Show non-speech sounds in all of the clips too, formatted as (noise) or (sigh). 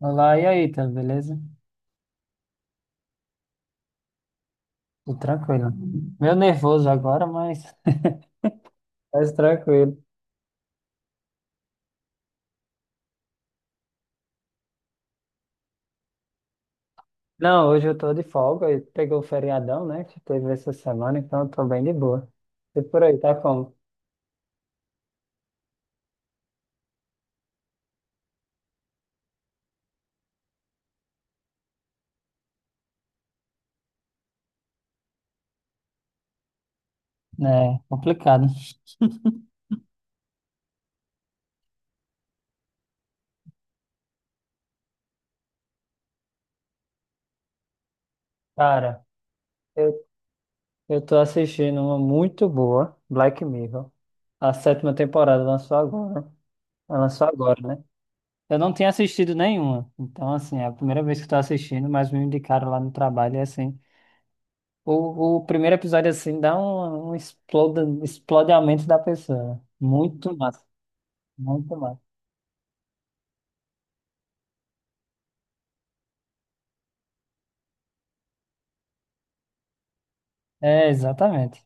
Olá, e aí, tá beleza? Tudo tranquilo. Meio nervoso agora, mas (laughs) mas tranquilo. Não, hoje eu tô de folga e pegou o feriadão, né, que teve essa semana, então eu tô bem de boa. E por aí, tá como? É, complicado. Cara, eu, eu tô assistindo uma muito boa, Black Mirror. A sétima temporada lançou agora. Ela lançou agora, né? Eu não tinha assistido nenhuma. Então, assim, é a primeira vez que eu tô assistindo, mas me indicaram lá no trabalho e assim. O primeiro episódio, assim, dá um explode a mente da pessoa. Muito massa, muito massa. É, exatamente.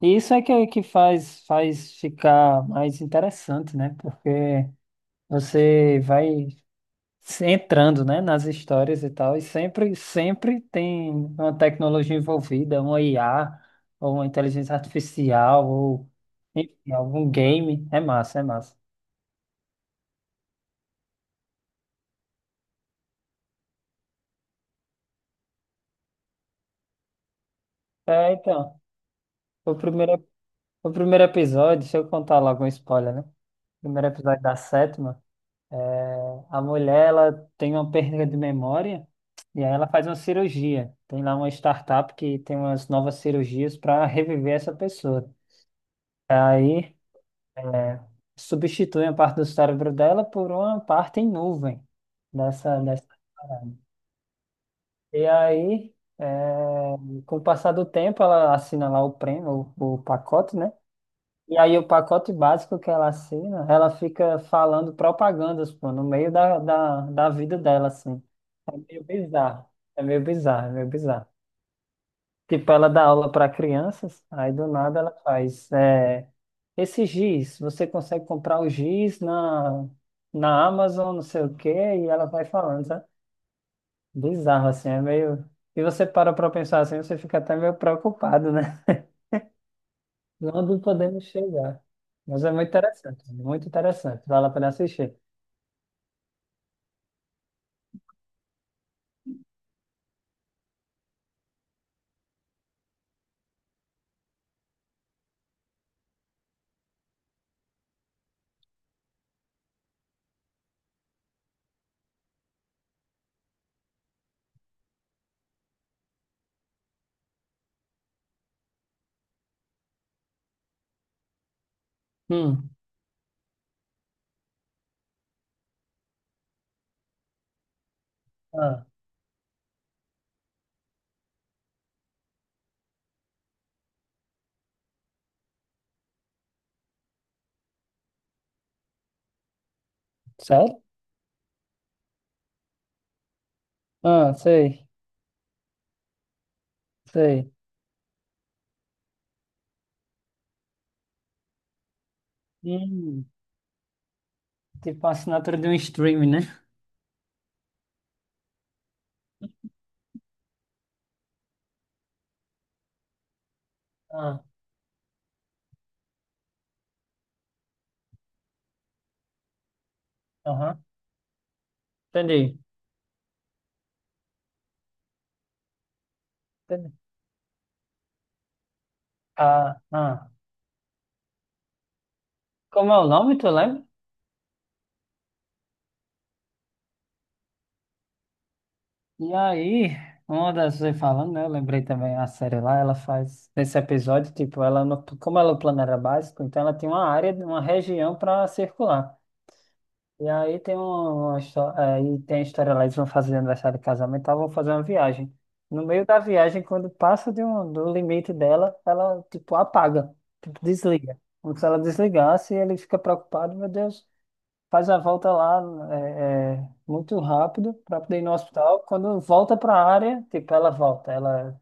E isso é que faz ficar mais interessante, né? Porque você vai se entrando, né, nas histórias e tal, e sempre tem uma tecnologia envolvida, uma IA, ou uma inteligência artificial, ou enfim, algum game. É massa, é massa. É, então, o primeiro O primeiro episódio, deixa eu contar logo um spoiler, né? O primeiro episódio da sétima, a mulher, ela tem uma perda de memória e aí ela faz uma cirurgia. Tem lá uma startup que tem umas novas cirurgias para reviver essa pessoa. Aí, é, substitui a parte do cérebro dela por uma parte em nuvem dessa. E aí, é, com o passar do tempo, ela assina lá o prêmio, o pacote, né? E aí o pacote básico que ela assina, ela fica falando propagandas, pô, no meio da vida dela, assim. É meio bizarro. É meio bizarro, é meio bizarro. Tipo, ela dá aula para crianças, aí do nada ela faz. É, esse giz, você consegue comprar o giz na Amazon, não sei o quê, e ela vai falando, sabe? Bizarro, assim, é meio. E você para pra pensar assim, você fica até meio preocupado, né? (laughs) Onde podemos chegar? Mas é muito interessante, muito interessante. Vale a pena assistir. Hum. Ah, sério? Ah, sei, sei. Hum, tipo a assinatura de um streaming, né? Ah, aham. Entendi. Entendi. Ah, ah. Como é o nome, tu lembra? E aí, uma das você falando, né? Eu lembrei também a série lá, ela faz nesse episódio, tipo, ela no- como ela é o plano era básico, então ela tem uma área, uma região para circular. E aí tem um, uma, história, aí tem a história lá, eles vão fazer aniversário de casamento, tá? Vão fazer uma viagem. No meio da viagem, quando passa do limite dela, ela tipo apaga, tipo desliga. Como se ela desligasse, ele fica preocupado, meu Deus, faz a volta lá muito rápido para poder ir no hospital. Quando volta para a área, tipo ela volta, ela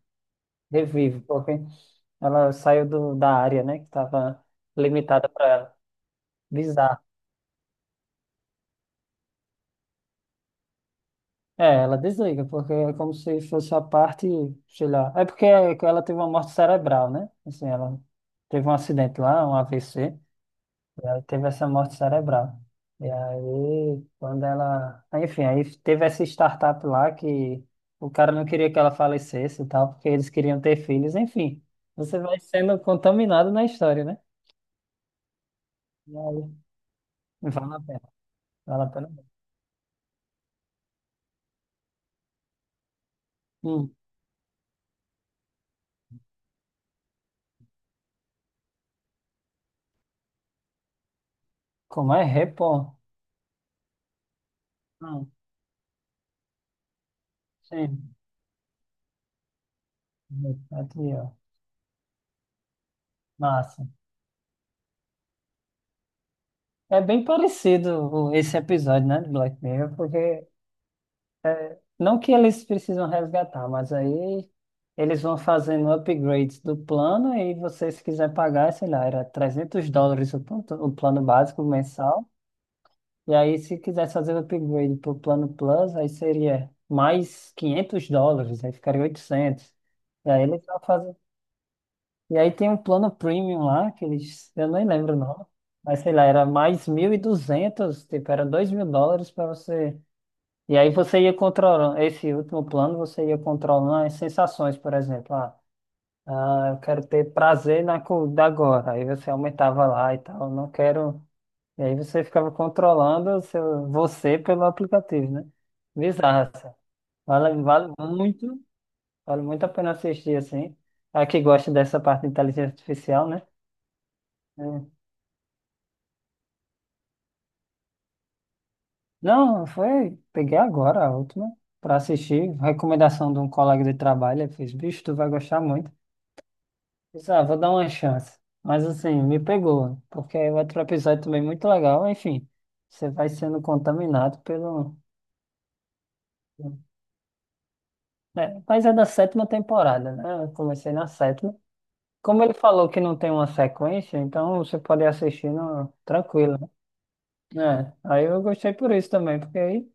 revive, porque ela saiu da área, né, que estava limitada para ela. Bizarro. É, ela desliga, porque é como se fosse a parte, sei lá. É porque ela teve uma morte cerebral, né? Assim, ela teve um acidente lá, um AVC, e aí teve essa morte cerebral. E aí, quando ela. Enfim, aí teve essa startup lá que o cara não queria que ela falecesse e tal, porque eles queriam ter filhos. Enfim, você vai sendo contaminado na história, né? E aí, vale a pena, vale a pena. Hum, como é? Repor. Hum, sim. Aqui, ó. Massa. É bem parecido esse episódio, né, de Black Mirror, porque é, não que eles precisam resgatar, mas aí eles vão fazendo upgrades do plano e você, se quiser pagar, sei lá, era US$ 300 o plano básico mensal, e aí se quisesse fazer o upgrade para o plano Plus, aí seria mais US$ 500, aí ficaria 800. E aí eles vão fazer. E aí tem um plano premium lá, que eles, eu nem lembro o nome, mas sei lá, era mais 1.200 tipo, era US$ 2.000 para você. E aí você ia controlando, esse último plano, você ia controlando as sensações, por exemplo, ah, ah, eu quero ter prazer na comida agora, aí você aumentava lá e tal, não quero. E aí você ficava controlando o seu, você pelo aplicativo, né? Bizarro, assim. Vale muito, vale muito a pena assistir, assim. A que gosta dessa parte de inteligência artificial, né? Não, foi. Peguei agora a última para assistir. Recomendação de um colega de trabalho. Ele fez, bicho, tu vai gostar muito. Disse, ah, vou dar uma chance. Mas assim, me pegou, porque o outro episódio também é muito legal. Enfim, você vai sendo contaminado pelo. Né, mas é da sétima temporada, né? Eu comecei na sétima. Como ele falou que não tem uma sequência, então você pode assistir no tranquilo, né? É, aí eu gostei por isso também, porque aí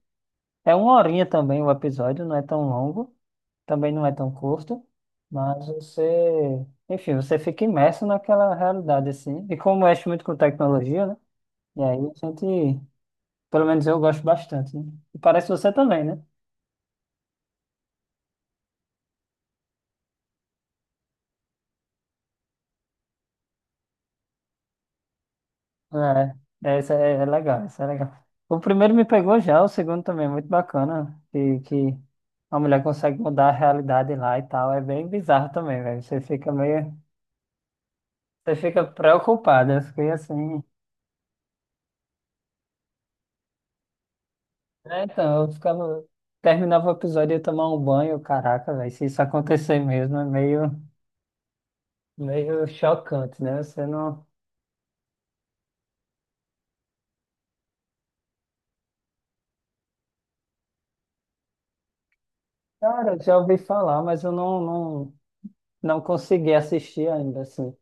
é uma horinha também o episódio, não é tão longo. Também não é tão curto, mas você, enfim, você fica imerso naquela realidade assim. E como mexe muito com tecnologia, né? E aí a gente, pelo menos eu gosto bastante, né? E parece você também, né? É, essa é, legal, essa é legal. O primeiro me pegou já, o segundo também é muito bacana, que a mulher consegue mudar a realidade lá e tal, é bem bizarro também, velho. Você fica meio, você fica preocupada, eu fiquei assim. É, então, eu ficava. Terminava o episódio e ia tomar um banho, caraca, velho. Se isso acontecer mesmo, é meio chocante, né? Você não. Cara, eu já ouvi falar, mas eu não, não, não consegui assistir ainda, assim.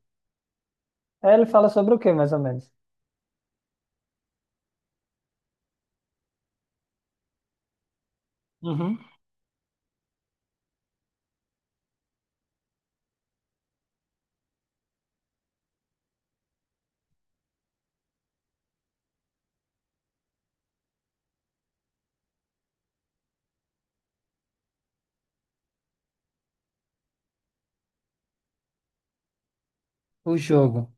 Aí ele fala sobre o quê, mais ou menos? Uhum. O jogo.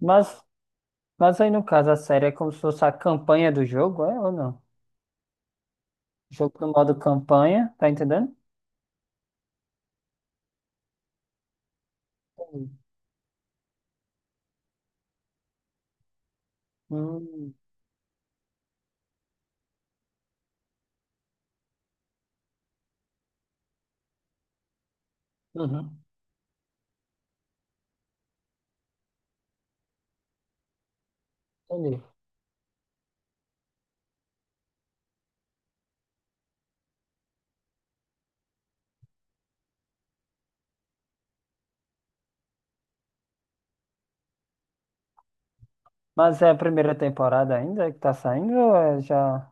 Mas, mas aí, no caso, a série é como se fosse a campanha do jogo, é ou não? Jogo no modo campanha, tá entendendo? Entendi. Hum, uhum, entendi. Mas é a primeira temporada ainda que tá saindo ou é já?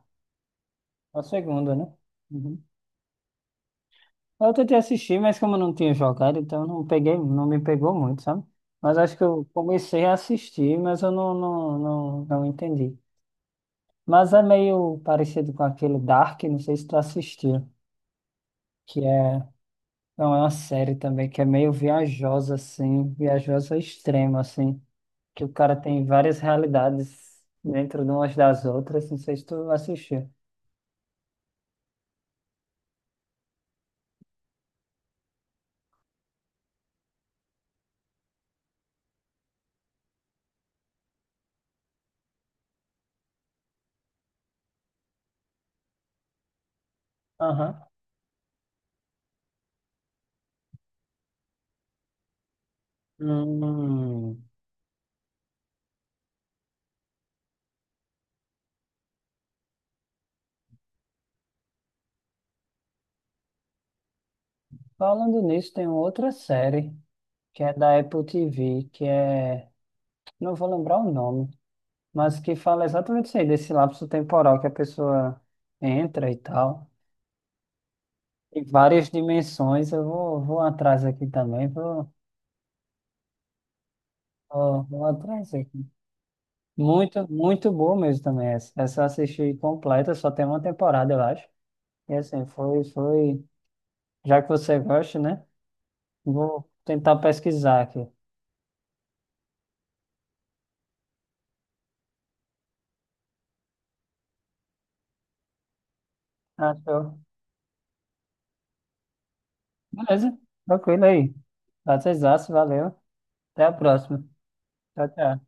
A segunda, né? Uhum. Eu tentei assistir, mas como eu não tinha jogado, então não peguei, não me pegou muito, sabe? Mas acho que eu comecei a assistir, mas eu não, não, não, não entendi. Mas é meio parecido com aquele Dark, não sei se tu assistiu, que é, não, é uma série também, que é meio viajosa, assim, viajosa extrema, assim, que o cara tem várias realidades dentro de umas das outras, não sei se tu assistiu. Aham. Hum. Falando nisso, tem outra série, que é da Apple TV, que é, não vou lembrar o nome, mas que fala exatamente isso aí, desse lapso temporal que a pessoa entra e tal. Em várias dimensões, eu vou atrás aqui também, vou atrás aqui. Muito, muito boa mesmo também essa. Essa eu assisti completa, só tem uma temporada, eu acho. E assim, foi, já que você gosta, né? Vou tentar pesquisar aqui. Ah, show. Beleza, tranquilo aí. Prazerzaço, valeu. Até a próxima. Tchau, tchau.